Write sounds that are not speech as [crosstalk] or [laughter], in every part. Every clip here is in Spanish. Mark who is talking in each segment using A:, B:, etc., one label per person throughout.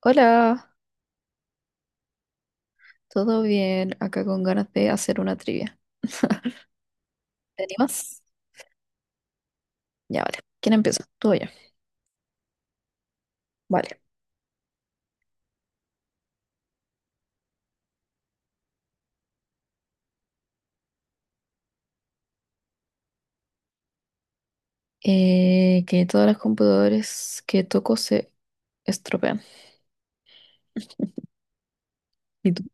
A: Hola, ¿todo bien? Acá con ganas de hacer una trivia. ¿Te animas? Ya, vale. ¿Quién empieza? Tú o yo. Vale. Que todos los computadores que toco se estropean. ¿Y tú?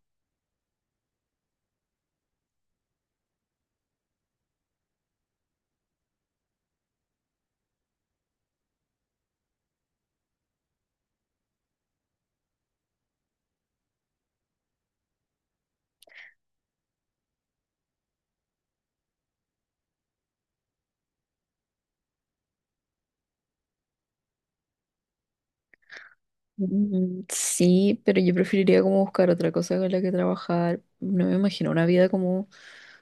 A: Sí, pero yo preferiría como buscar otra cosa con la que trabajar. No me imagino una vida como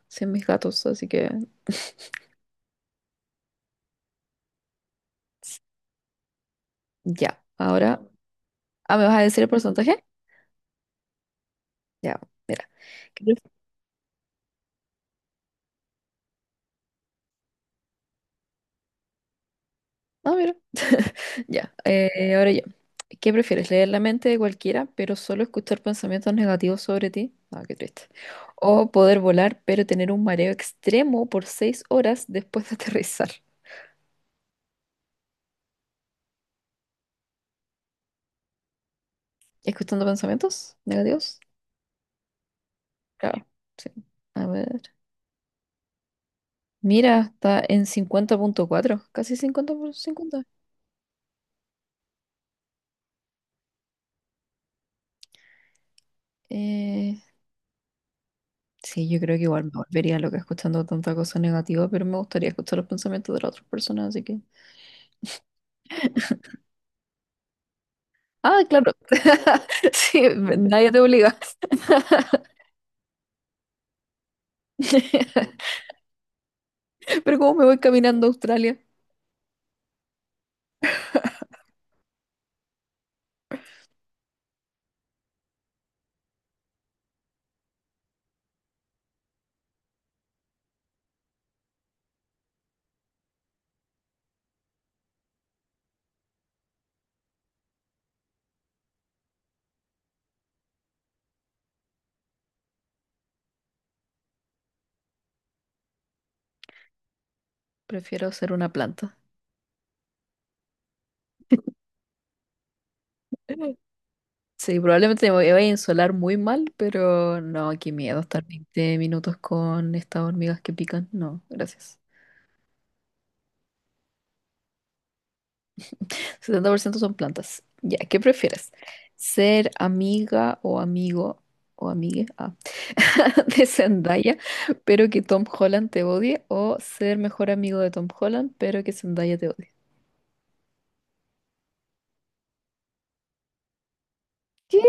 A: sin mis gatos, así que s- ya. Ahora, ah, ¿me vas a decir el porcentaje? Ya, mira. ¿Qué pref- Ah, mira. Ya, ahora yo. ¿Qué prefieres? ¿Leer la mente de cualquiera, pero solo escuchar pensamientos negativos sobre ti? Ah, qué triste. O poder volar, pero tener un mareo extremo por 6 horas después de [laughs] aterrizar. ¿Escuchando pensamientos negativos? Claro, sí. A ver. Mira, está en 50,4, casi 50 por 50. Eh, sí, yo creo que igual me volvería loca escuchando tanta cosa negativa, pero me gustaría escuchar los pensamientos de las otras personas, así que... Ah, claro. [laughs] Sí, nadie te obliga. [laughs] Pero cómo me voy caminando a Australia, prefiero ser una planta. Sí, probablemente me voy- vaya a insolar muy mal, pero no, qué miedo estar 20 minutos con estas hormigas que pican. No, gracias. 70% son plantas. Ya, ¿qué prefieres? ¿Ser amiga o amigo o amigue ah, [laughs] de Zendaya, pero que Tom Holland te odie? ¿O ser mejor amigo de Tom Holland, pero que Zendaya te odie? ¿Qué?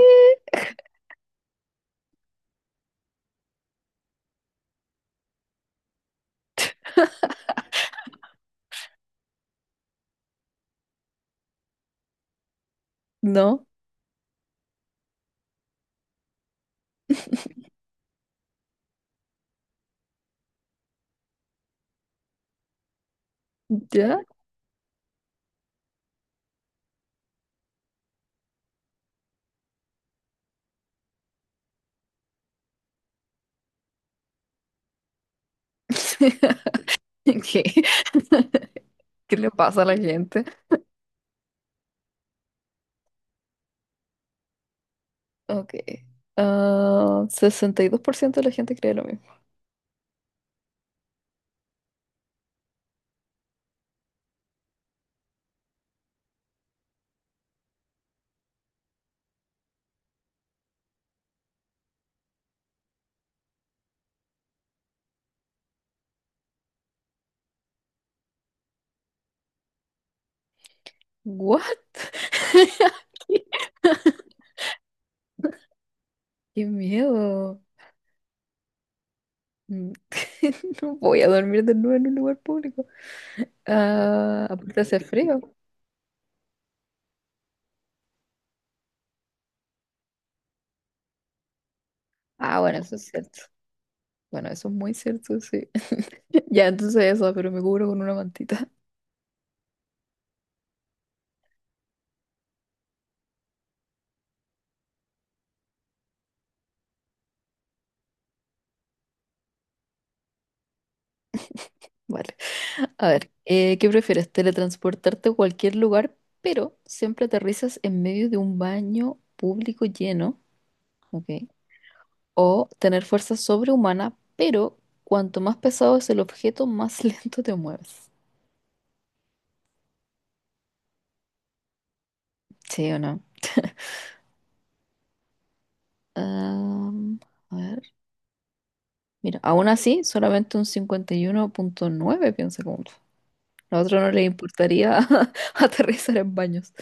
A: ¿No? ¿Ya? [laughs] ¿Qué? [laughs] [laughs] ¿Qué le pasa a la gente? Ok. Ah, 62% de la gente cree lo mismo. ¿What? [laughs] ¡Qué miedo! Mm, [laughs] No voy a dormir de nuevo en un lugar público. Ah, aparte hace frío. Ah, bueno, eso es cierto. Bueno, eso es muy cierto, sí. [laughs] Ya, entonces eso, pero me cubro con una mantita. [laughs] Vale. A ver, ¿qué prefieres? ¿Teletransportarte a cualquier lugar, pero siempre aterrizas en medio de un baño público lleno? Ok. O tener fuerza sobrehumana, pero cuanto más pesado es el objeto, más [laughs] lento te mueves. ¿Sí o no? Am, a ver. Mira, aún así, solamente un 51,9 piensa como tú. A otro no le importaría [laughs] aterrizar en baños.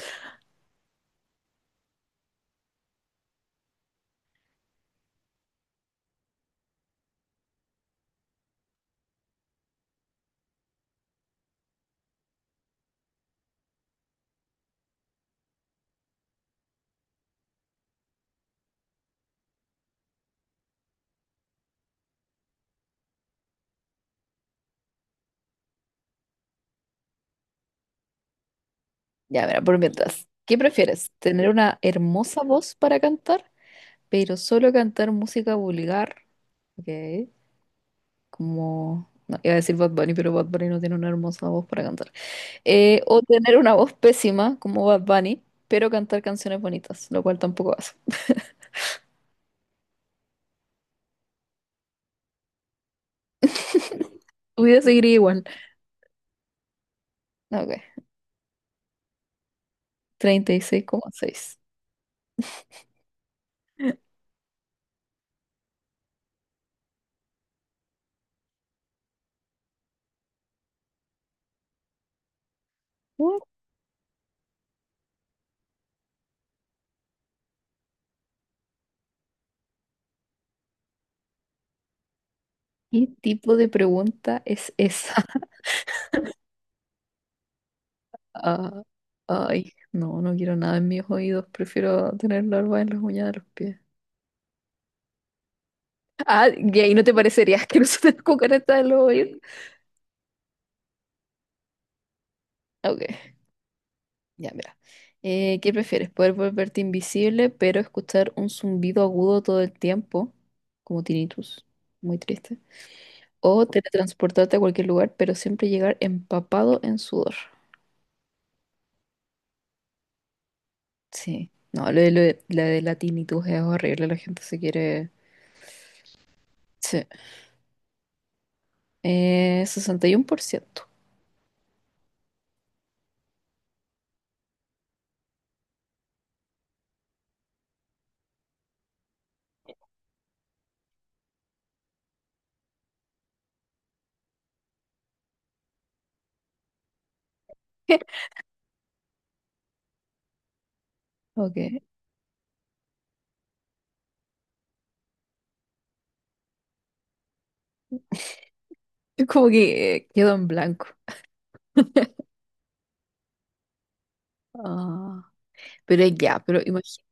A: Ya, verá, por mientras. ¿Qué prefieres? ¿Tener una hermosa voz para cantar, pero solo cantar música vulgar? Ok. Como... No, iba a decir Bad Bunny, pero Bad Bunny no tiene una hermosa voz para cantar. O tener una voz pésima como Bad Bunny, pero cantar canciones bonitas, lo cual tampoco hace. [laughs] Tu vida seguiría [laughs] igual. No, ok, 36,6. What? ¿Qué tipo de pregunta es esa? [laughs] Ah, ay, no, no quiero nada en mis oídos, prefiero tener larvas en las uñas de los pies. Ah, y ahí no te parecería [laughs] asqueroso tener cucaracha en los oídos. Ok. Ya, mira. ¿Qué prefieres? ¿Poder volverte invisible, pero escuchar un zumbido agudo todo el tiempo? Como tinnitus. Muy triste. O teletransportarte a cualquier lugar, pero siempre llegar empapado en sudor. Sí. No, lo de la tinnitus es horrible. La gente se quiere... Sí. 61%. [laughs] Ok. Es como que quedó en blanco. Ah. Pero ya, pero imagínate.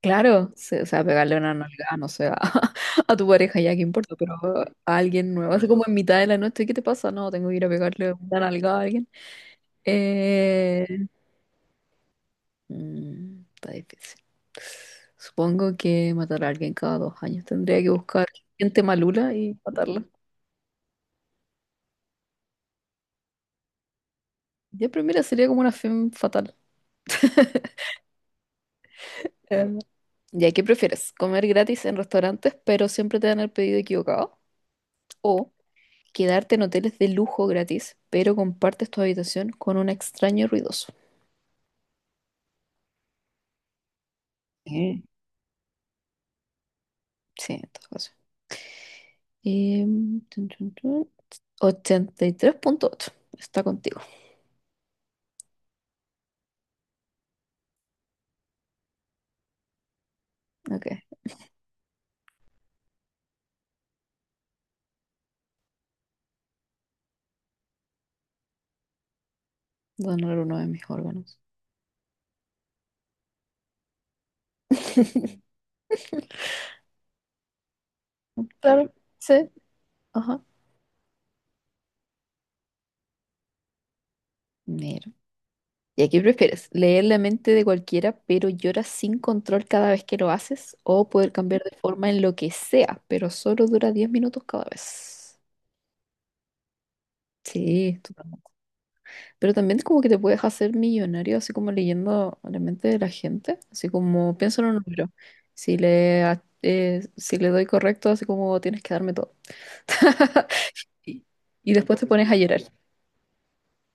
A: Claro, sí, o sea, pegarle una nalgada, no sé, a, [laughs] a tu pareja ya, qué importa, pero a alguien nuevo, así como en mitad de la noche, ¿qué te pasa? No, tengo que ir a pegarle una nalgada a alguien. Eh, Está difícil. Supongo que matar a alguien cada 2 años. Tendría que buscar gente malula y matarla. Ya, pero mira, sería como una fin fatal. [laughs] Eh, ya, ¿qué prefieres? ¿Comer gratis en restaurantes, pero siempre te dan el pedido equivocado? ¿O quedarte en hoteles de lujo gratis, pero compartes tu habitación con un extraño ruidoso? Eh, Sí, en todo caso. Tun, tun, tun. 83,8. Está contigo. Ok. Donar uno de mis órganos. [laughs] Claro, sí. Ajá. Mira. ¿Y aquí prefieres? ¿Leer la mente de cualquiera, pero lloras sin control cada vez que lo haces? ¿O poder cambiar de forma en lo que sea, pero solo dura 10 minutos cada vez? Sí, tú. Pero también como que te puedes hacer millonario así como leyendo la mente de la gente, así como pienso en un número. Si le doy correcto, así como tienes que darme todo. Y, y después te pones a llorar.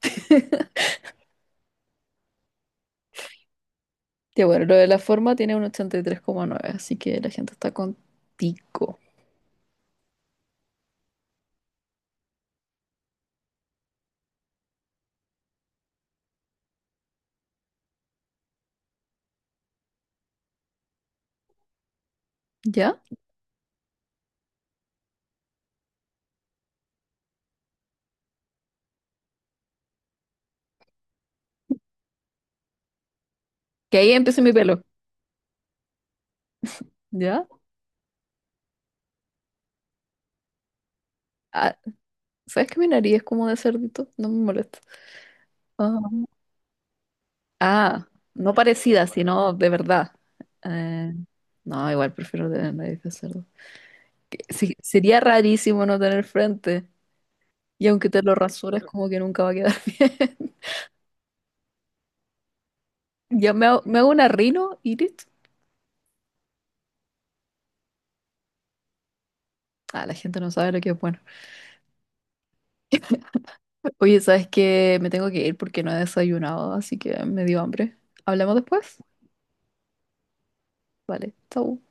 A: [laughs] Ya bueno, lo de la forma tiene un 83,9 así que la gente está contigo. ¿Ya? Que ahí empieza mi pelo. ¿Ya? Ah, ¿sabes que mi nariz es como de cerdito? No me molesta. Ah, Ah, no parecida, sino de verdad. Eh, no, igual prefiero tener nariz de cerdo. Sí, sería rarísimo no tener frente. Y aunque te lo rasures como que nunca va a quedar [laughs] bien. Yo me hago una rino y listo. Ah, la gente no sabe lo que es bueno. Oye, ¿sabes qué? Me tengo que ir porque no he desayunado, así que me dio hambre. ¿Hablamos después? Vale, chau.